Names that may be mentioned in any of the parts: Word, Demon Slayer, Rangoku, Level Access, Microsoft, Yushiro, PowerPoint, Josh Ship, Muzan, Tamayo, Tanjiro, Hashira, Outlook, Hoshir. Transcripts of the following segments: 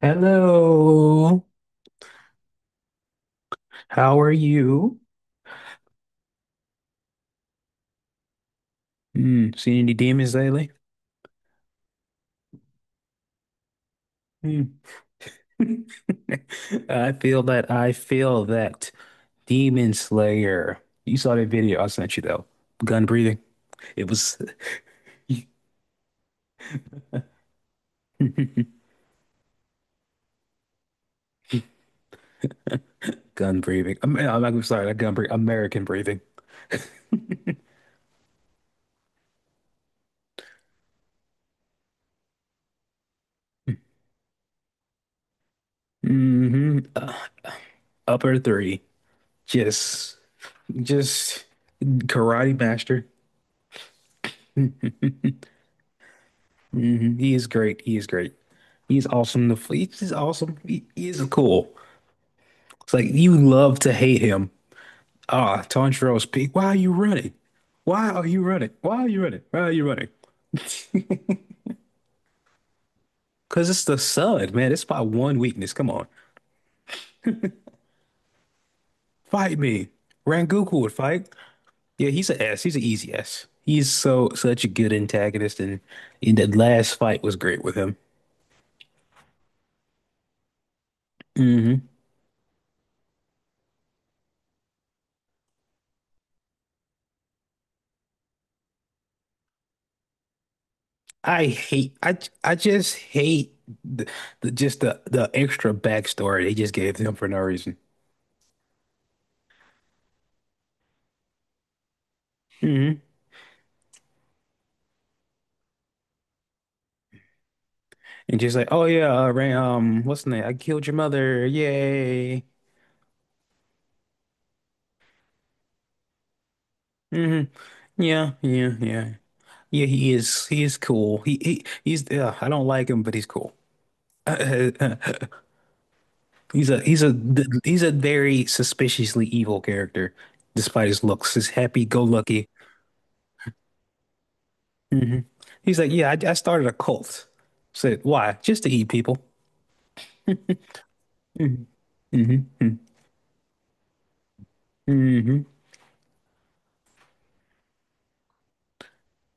Hello, how are you? Hmm. Seen any demons lately? Hmm. I feel that. I feel that. Demon Slayer. You saw that video I sent you though. Gun breathing. It was gun breathing. I'm sorry, not gun breathing. American breathing. Hmm. Upper three. Just, just karate master. Hmm. He is great. He is great. He's awesome. The fleet is awesome. He is cool. It's like you love to hate him. Ah, Tanjiro's peak. Why are you running? Why are you running? Why are you running? Why are you running? Because it's the sun, man. It's my one weakness. Come on. Fight me. Rangoku would fight. Yeah, he's an S. He's an easy S. He's so such a good antagonist, and in that last fight was great with him. Hmm. I hate I I just hate the, the just the extra backstory they just gave him for no reason. Mhm. And she's like, "Oh yeah, Ray, what's the name? I killed your mother! Yay!" Hmm. Yeah, yeah, yeah, yeah. He is cool. He's. I don't like him, but he's cool. He's a, he's a, he's a very suspiciously evil character, despite his looks. His happy-go-lucky. Hmm. He's like, yeah, I started a cult. Said why? Just to eat people. Hmm. Hmm. Hmm.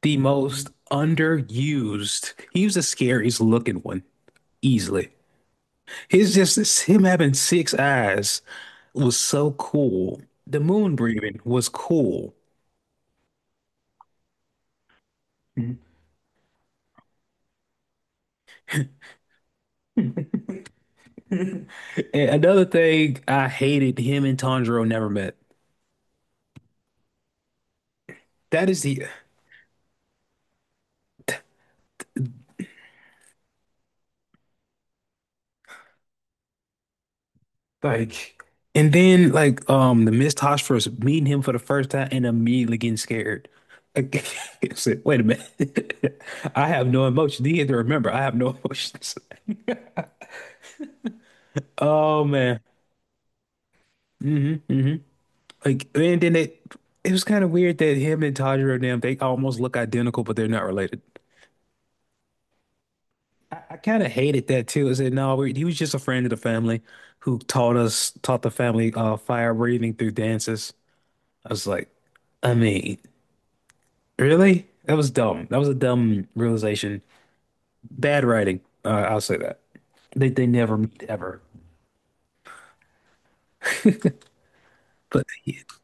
The most underused. He was the scariest looking one, easily. He's just it's him having six eyes was so cool. The moon breathing was cool. Mhm. And another thing I hated him and Tanjiro never met. That is the like and then like the Miss Hoshir's meeting him for the first time and immediately getting scared. Like, I said, wait a minute. I have no emotion. He had to remember I have no emotions. Oh man. Hmm. Hmm. Like, and then it was kind of weird that him and Tanjiro. Damn, they almost look identical, but they're not related. I kind of hated that too. I said, no, we, he was just a friend of the family who taught us, taught the family fire breathing through dances. I was like, I mean, really? That was dumb. That was a dumb realization. Bad writing. I'll say that. They never meet ever. But.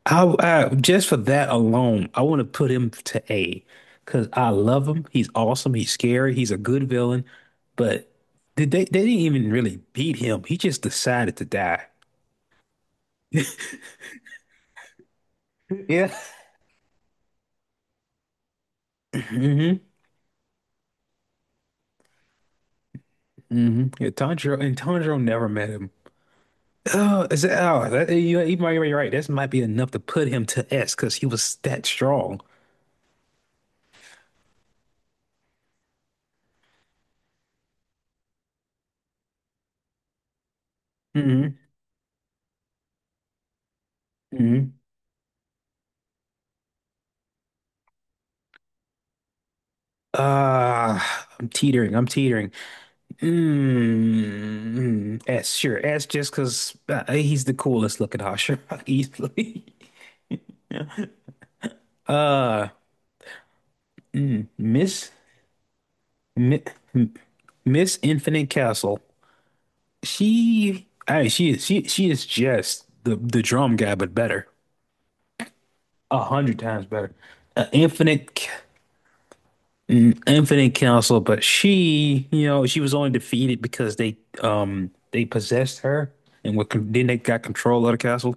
I just for that alone, I want to put him to A because I love him. He's awesome. He's scary. He's a good villain. But did they didn't even really beat him. He just decided to die. Yeah. Hmm. Hmm. Yeah, Tanjiro never met him. Oh, is that, oh, that, you might be right. This might be enough to put him to S because he was that strong. Mm-hmm. Hmm. Uh, I'm teetering. I'm teetering. Mm, mm, S, sure. S just because he's the coolest looking Hashira easily. Uh, mm, Mi, Miss Infinite Castle. She, I mean, she is just the drum guy, but better, a hundred times better. Uh, Infinite, C- Infinite Castle, but she, you know, she was only defeated because they possessed her and what then they got control of the castle.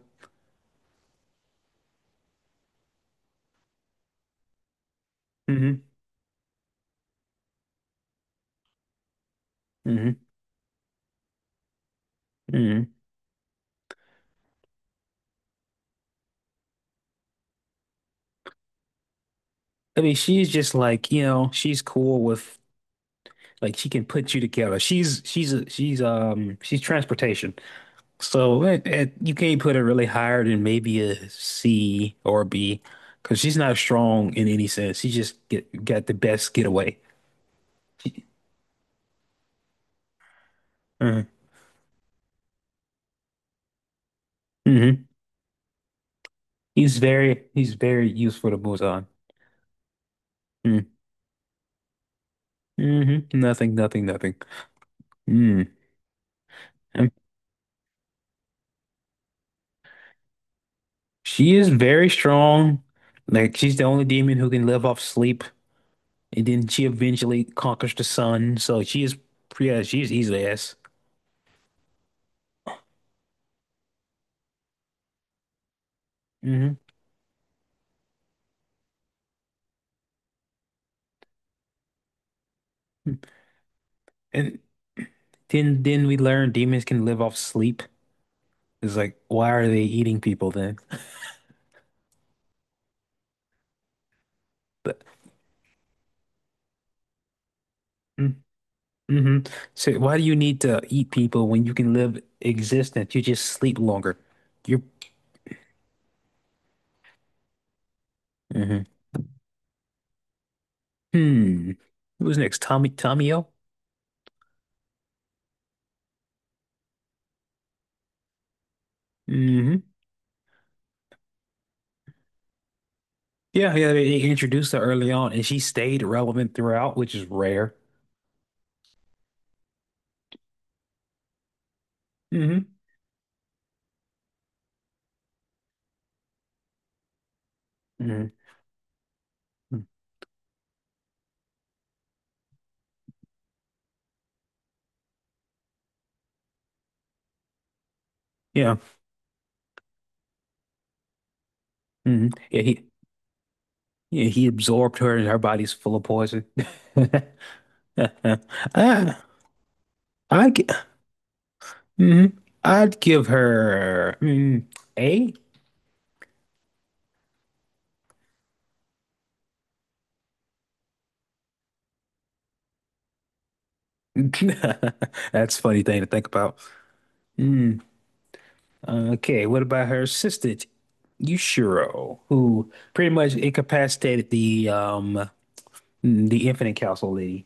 Hmm. Hmm. Hmm. I mean, she's just like, you know, she's cool with like she can put you together. She's she's transportation. So you can't put her really higher than maybe a C or a B because she's not strong in any sense. She just got the best getaway. Uh, hmm. He's very useful to Muzan. Mm, hmm. Nothing, nothing, nothing. Mm. Um, she is very strong. Like she's the only demon who can live off sleep. And then she eventually conquers the sun. So she is, yeah, she's easily S. Hmm. And then we learn demons can live off sleep. It's like, why are they eating people then? But mm-hmm. So why do you need to eat people when you can live existence? You just sleep longer. You're mhm. Hmm. Who's next? Tommy Tomio? Hmm. Yeah, yeah, they introduced her early on and she stayed relevant throughout, which is rare. Hmm. Hmm. Yeah. Hmm. Yeah, he absorbed her and her body's full of poison. Ah, I'd gi- mhm. I'd give her mm, A. That's a funny thing to think about. Mm, okay, what about her assistant, Yushiro, who pretty much incapacitated the Infinite Council lady?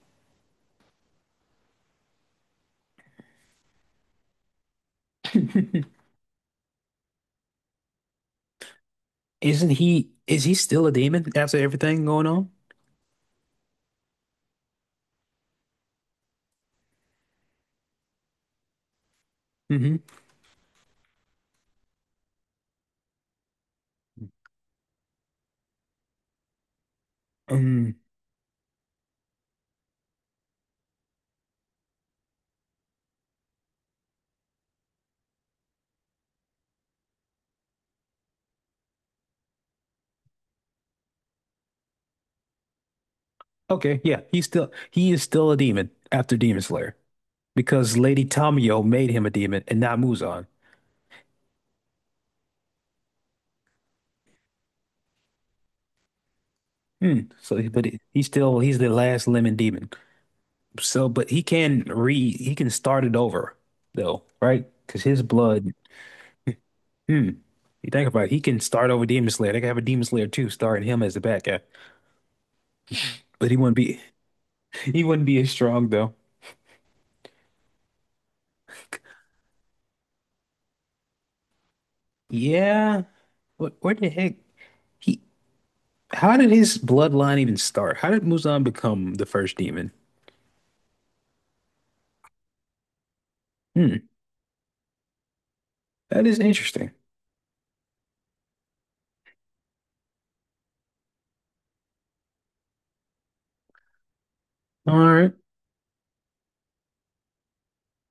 Isn't he is he still a demon after everything going on? Mm-hmm. Um, okay, yeah, he is still a demon after Demon Slayer because Lady Tamayo made him a demon and not Muzan. Hmm. So, he's still he's the last lemon demon. So, but he can start it over though, right? Because his blood. Hmm. You think about it, he can start over Demon Slayer. They can have a Demon Slayer too, starting him as the bad guy, but he wouldn't be he wouldn't be as strong though. Yeah. What? Where the heck? He? How did his bloodline even start? How did Muzan become the first demon? Hmm. That is interesting. All right.